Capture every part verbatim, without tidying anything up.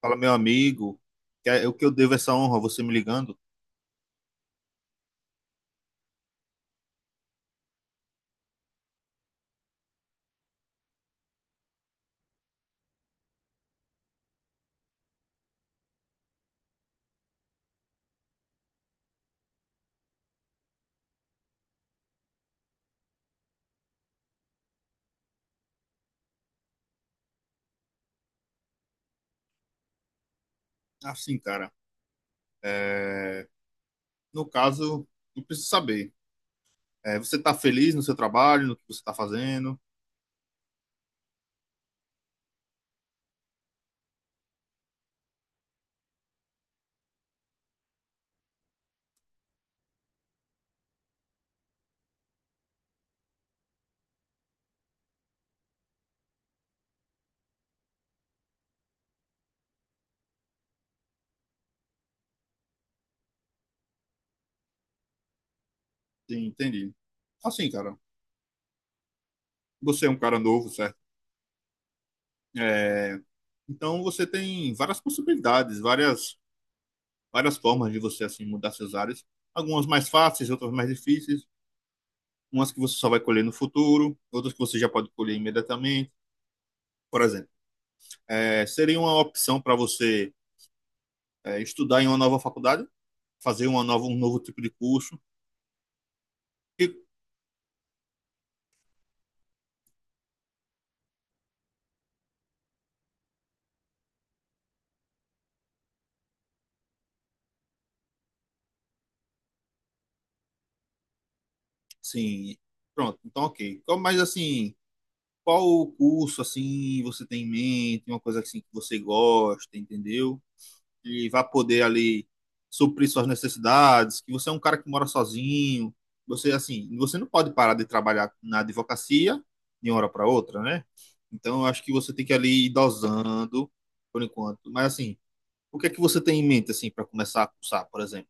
Fala, meu amigo, que é- o que eu devo essa honra, você me ligando? Assim, cara, é, no caso, eu preciso saber, é, você está feliz no seu trabalho, no que você está fazendo? Sim, entendi. Assim, cara, você é um cara novo, certo? É, Então, você tem várias possibilidades, várias, várias formas de você, assim, mudar seus áreas. Algumas mais fáceis, outras mais difíceis. Umas que você só vai colher no futuro, outras que você já pode colher imediatamente. Por exemplo, é, seria uma opção para você é, estudar em uma nova faculdade, fazer uma nova, um novo tipo de curso. E, sim, pronto, então ok. Qual- Mas assim, qual curso assim você tem em mente, uma coisa assim que você gosta, entendeu? E vai poder ali suprir suas necessidades, que você é um cara que mora sozinho, você assim, você não pode parar de trabalhar na advocacia de uma hora para outra, né? Então eu acho que você tem que ali ir dosando por enquanto. Mas assim, o que é que você tem em mente assim para começar a cursar, por exemplo?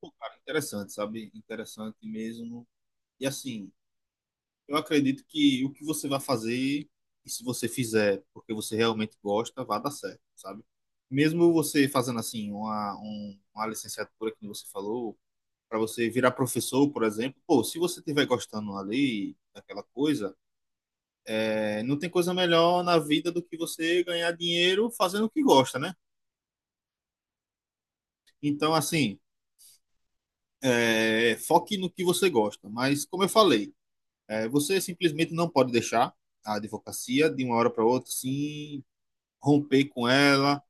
Pô, cara, interessante, sabe? Interessante mesmo. E assim, eu acredito que o que você vai fazer, e se você fizer porque você realmente gosta, vai dar certo, sabe? Mesmo você fazendo assim uma, um- uma licenciatura que você falou, para você virar professor, por exemplo, pô, se você estiver gostando ali daquela coisa, é, não tem coisa melhor na vida do que você ganhar dinheiro fazendo o que gosta, né? Então, assim, é, foque no que você gosta. Mas, como eu falei, é, você simplesmente não pode deixar a advocacia de uma hora para outra assim romper com ela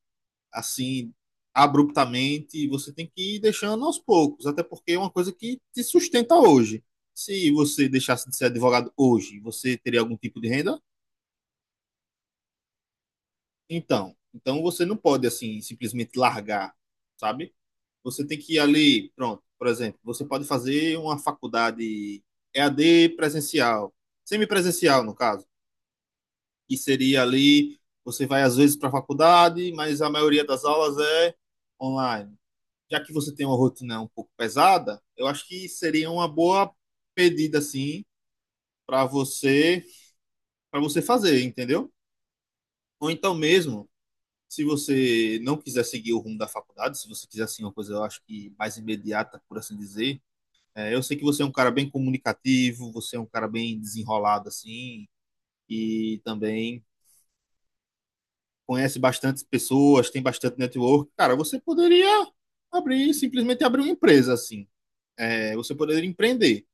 assim abruptamente. Você tem que ir deixando aos poucos, até porque é uma coisa que te sustenta hoje. Se você deixasse de ser advogado hoje, você teria algum tipo de renda? Então, então você não pode assim simplesmente largar, sabe? Você tem que ir ali, pronto. Por exemplo, você pode fazer uma faculdade E A D presencial, semipresencial no caso, que seria ali, você vai às vezes para a faculdade, mas a maioria das aulas é online. Já que você tem uma rotina um pouco pesada, eu acho que seria uma boa pedida assim para você, para você fazer, entendeu? Ou então mesmo, se você não quiser seguir o rumo da faculdade, se você quiser assim uma coisa, eu acho que mais imediata, por assim dizer, é, eu sei que você é um cara bem comunicativo, você é um cara bem desenrolado assim, e também conhece bastante pessoas, tem bastante network, cara, você poderia abrir, simplesmente abrir uma empresa assim. É, você poderia empreender.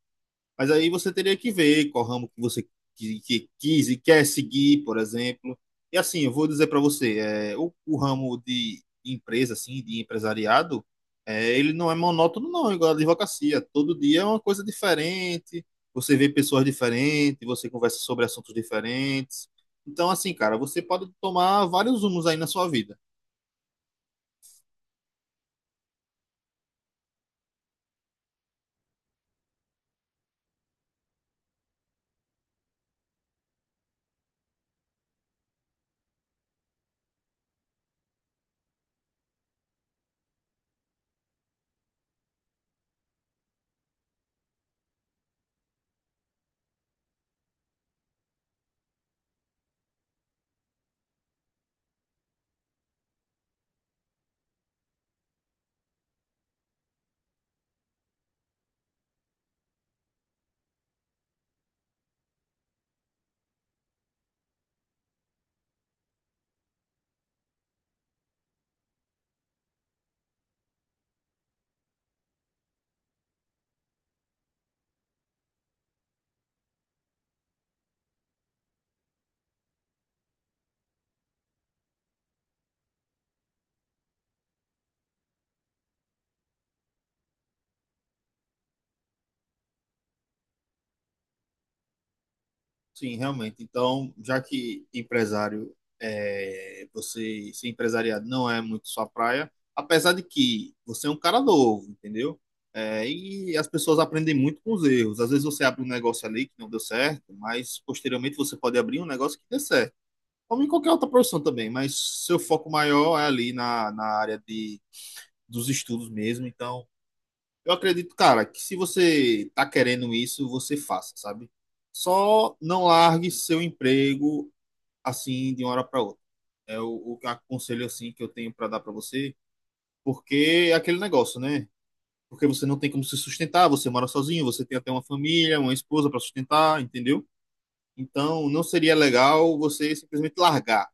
Mas aí você teria que ver qual ramo que você que, que quis e quer seguir, por exemplo. E assim, eu vou dizer para você, é, o, o ramo de empresa, assim, de empresariado, é, ele não é monótono, não, igual a advocacia. Todo dia é uma coisa diferente, você vê pessoas diferentes, você conversa sobre assuntos diferentes. Então, assim, cara, você pode tomar vários rumos aí na sua vida. Sim, realmente. Então, já que empresário, é, você ser empresariado não é muito sua praia, apesar de que você é um cara novo, entendeu? É, e as pessoas aprendem muito com os erros. Às vezes você abre um negócio ali que não deu certo, mas posteriormente você pode abrir um negócio que dê certo. Como em qualquer outra profissão também, mas seu foco maior é ali na, na área de, dos estudos mesmo. Então, eu acredito, cara, que se você tá querendo isso, você faça, sabe? Só não largue seu emprego assim de uma hora para outra. É o, o aconselho assim que eu tenho para dar para você, porque é aquele negócio, né? Porque você não tem como se sustentar, você mora sozinho, você tem até uma família, uma esposa para sustentar, entendeu? Então, não seria legal você simplesmente largar.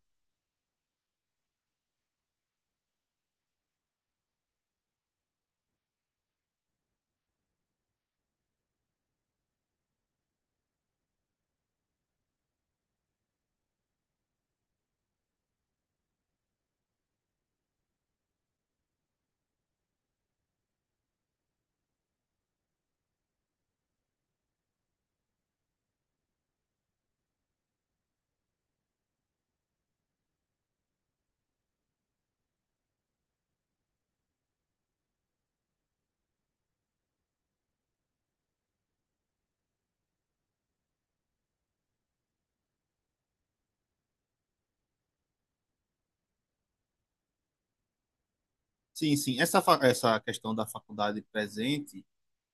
Sim, sim, essa fa- essa questão da faculdade presente.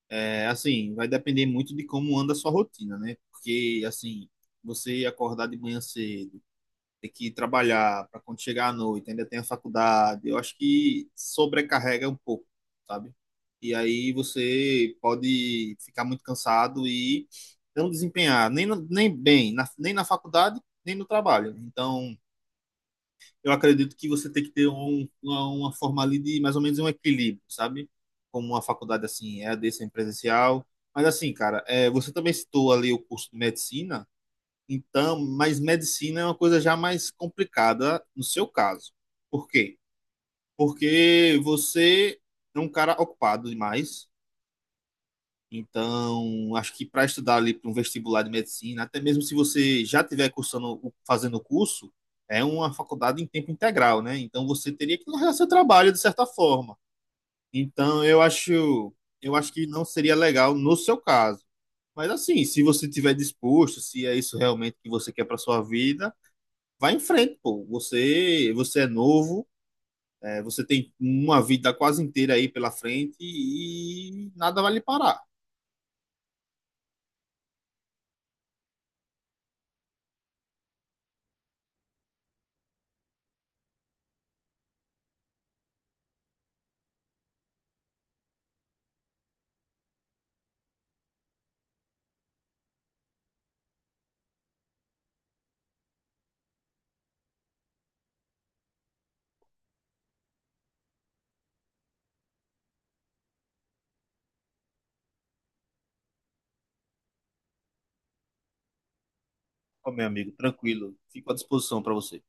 É, assim, vai depender muito de como anda a sua rotina, né? Porque, assim, você acordar de manhã cedo, ter que trabalhar para quando chegar à noite, ainda tem a faculdade, eu acho que sobrecarrega um pouco, sabe? E aí você pode ficar muito cansado e não desempenhar nem, na- nem bem, na- nem na faculdade, nem no trabalho. Então, eu acredito que você tem que ter um, uma, uma forma ali de mais ou menos um equilíbrio, sabe? Como uma faculdade assim, é E A D sem presencial. Mas assim, cara, é, você também citou ali o curso de medicina, então, mas medicina é uma coisa já mais complicada no seu caso. Por quê? Porque você é um cara ocupado demais, então, acho que para estudar ali para um vestibular de medicina, até mesmo se você já tiver cursando, o- fazendo o curso, é uma faculdade em tempo integral, né? Então você teria que largar seu trabalho de certa forma. Então, eu acho, eu acho que não seria legal no seu caso. Mas assim, se você tiver disposto, se é isso realmente que você quer para sua vida, vá em frente, pô. Você, você é novo, é, você tem uma vida quase inteira aí pela frente e nada vai lhe parar. Ô, meu amigo, tranquilo. Fico à disposição para você.